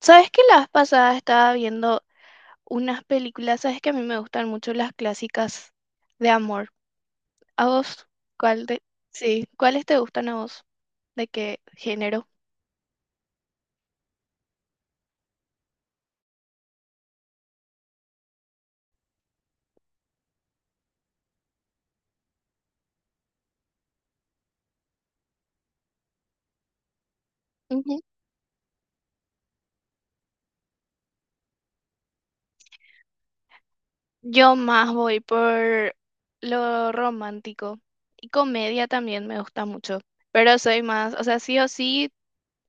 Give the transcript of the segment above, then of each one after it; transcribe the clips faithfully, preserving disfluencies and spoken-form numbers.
¿Sabes que la vez pasada estaba viendo unas películas? ¿Sabes que a mí me gustan mucho las clásicas de amor? ¿A vos? ¿Cuál de... Sí, ¿cuáles te gustan a vos? ¿De qué género? Ujú. Yo más voy por lo romántico y comedia también me gusta mucho, pero soy más, o sea, sí o sí,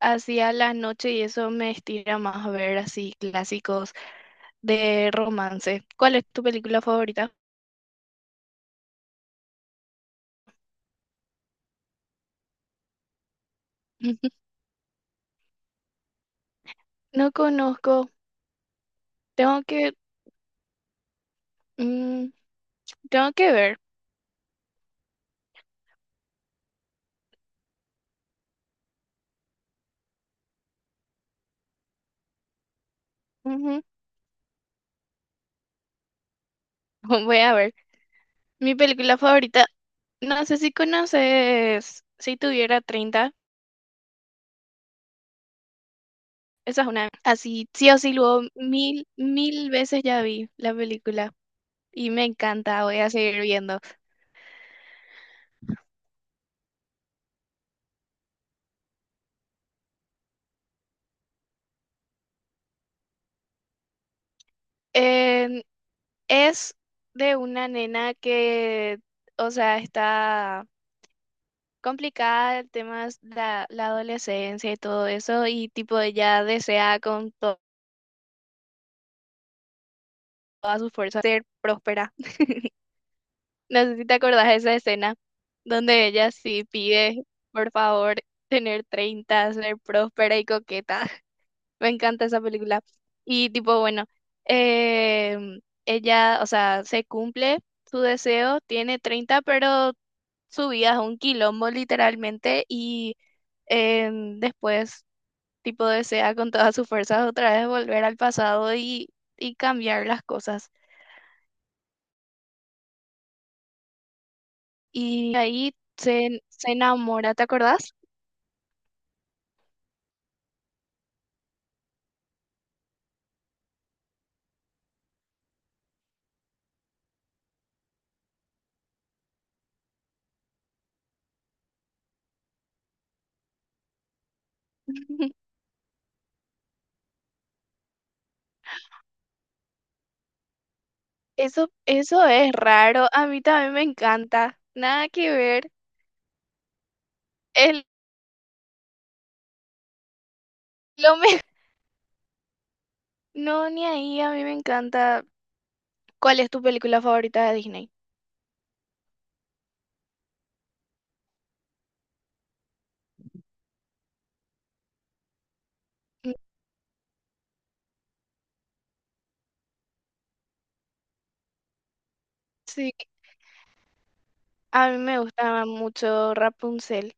hacia la noche y eso me estira más a ver así clásicos de romance. ¿Cuál es tu película favorita? No conozco, tengo que Mm, tengo que ver. Ujú. Voy a ver. Mi película favorita, no sé si conoces, si tuviera treinta esa es una, así, sí o sí, luego mil, mil veces ya vi la película y me encanta, voy a seguir viendo. Eh, es de una nena que, o sea, está complicada el tema de la, la adolescencia y todo eso y tipo ella desea con to- todas sus fuerzas ser próspera. No sé si te acordás de esa escena donde ella sí pide, por favor, tener treinta ser próspera y coqueta. Me encanta esa película. Y tipo, bueno, em, ella, o sea, se cumple su deseo, tiene treinta pero su vida es un quilombo literalmente y em, después, tipo, desea con todas sus fuerzas otra vez volver al pasado y, y cambiar las cosas. Y ahí se, se enamora, ¿te acordás? Eso, eso es raro. A mí también me encanta. Nada que ver. Es lo me... No, ni ahí. A mí me encanta. ¿Cuál es tu película favorita de Disney? Mm, sí, a mí me gusta mucho Rapunzel.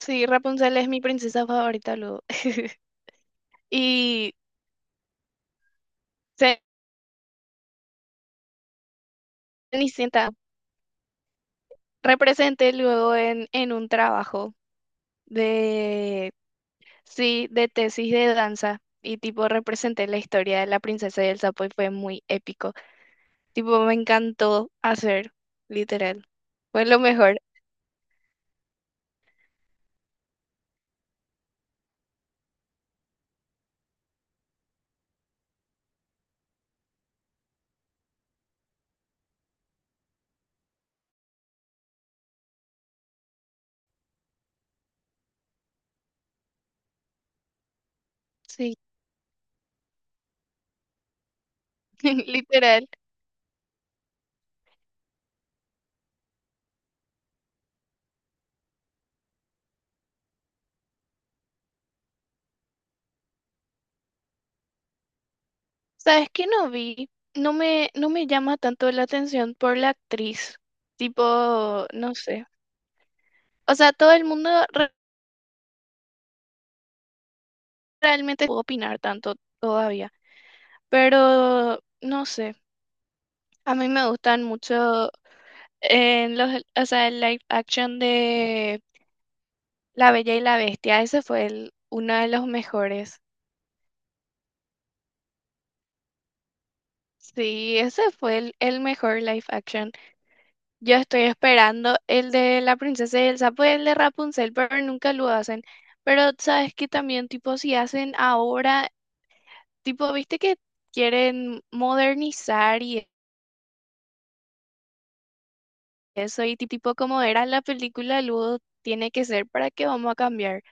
Sí, Rapunzel es mi princesa favorita luego. Y Cenicienta representé luego en, en un trabajo de, sí, de tesis de danza. Y tipo representé la historia de la princesa y el sapo y fue muy épico. Tipo, me encantó hacer, literal. Fue lo mejor. Sí, literal. ¿Sabes qué no vi? No me, no me llama tanto la atención por la actriz. Tipo, no sé. O sea, todo el mundo re- realmente puede opinar tanto todavía. Pero, no sé. A mí me gustan mucho en los, o sea, el live action de La Bella y la Bestia. Ese fue el, uno de los mejores. Sí, ese fue el, el mejor live action. Yo estoy esperando el de la princesa y el sapo y el de Rapunzel, pero nunca lo hacen. Pero sabes que también, tipo, si hacen ahora, tipo, viste que quieren modernizar y eso, y ti- tipo, como era la película, luego tiene que ser para que vamos a cambiar.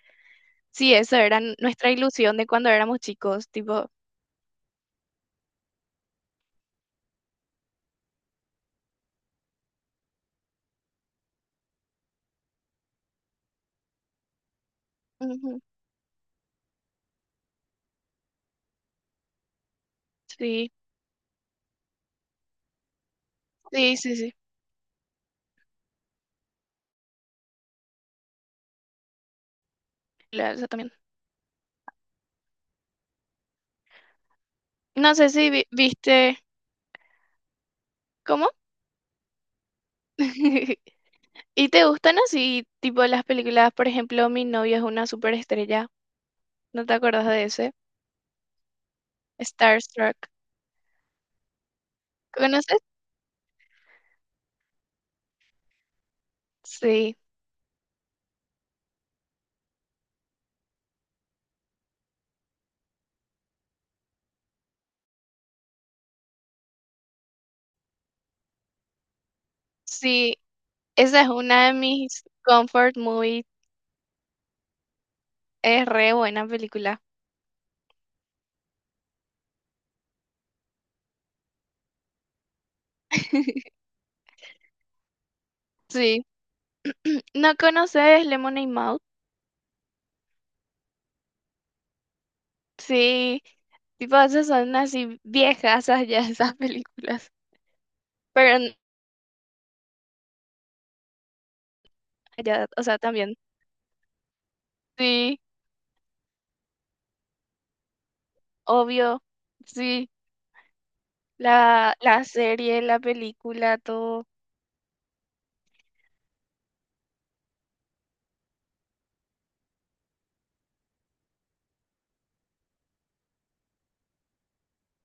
Sí, eso era n- nuestra ilusión de cuando éramos chicos, tipo, ujú, sí, sí, sí, sí, la- esa también. No sé si vi- viste, ¿cómo? ¿Y te gustan así, tipo las películas, por ejemplo, Mi novia es una superestrella? ¿No te acuerdas de ese? Starstruck. ¿Conoces? Sí, sí, esa es una de mis comfort movies. Es re buena película. Sí. ¿No conoces Lemonade Mouth? Sí, tipo esas son así viejas ya esas películas. Pero n- ya, o sea, también. Sí, obvio. Sí, la, la serie, la película, todo.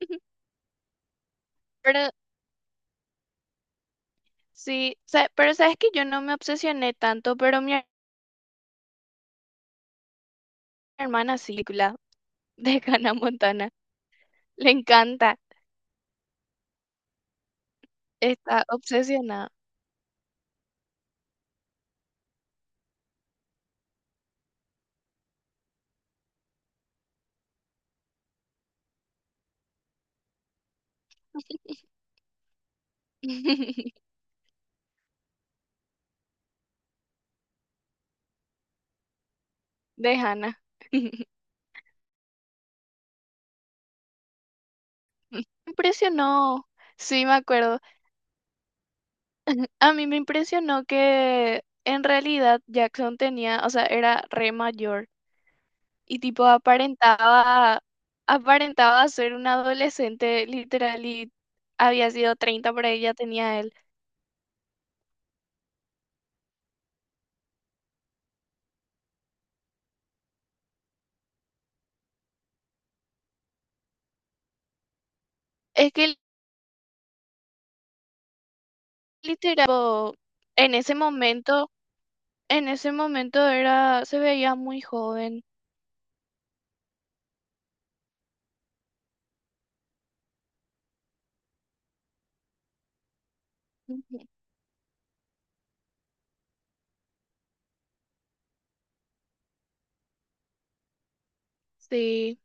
Pero sí, sa- pero sabes que yo no me obsesioné tanto, pero mi her- hermana sí, película de Hannah Montana. Le encanta, está obsesionada de Hannah. impresionó, sí, me acuerdo. A mí me impresionó que en realidad Jackson tenía, o sea, era re mayor y tipo aparentaba, aparentaba ser un adolescente literal y había sido treinta por ahí, ya tenía él. Es que literal, tipo, en ese momento... En ese momento era, se veía muy joven. Ujú. Sí.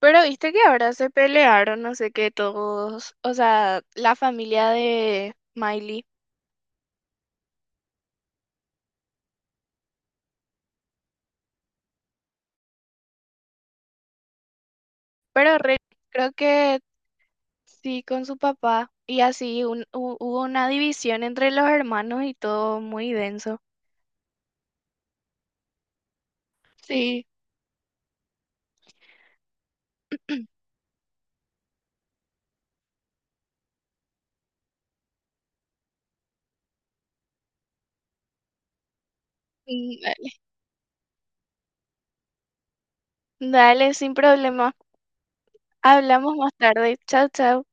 Pero viste que ahora se pelearon, no sé qué, todos, o sea, la familia de Miley. Pero re- creo que sí, con su papá. Y así un- hu- hubo una división entre los hermanos y todo muy denso. Sí. Dale, dale, sin problema. Hablamos más tarde. Chao, chao.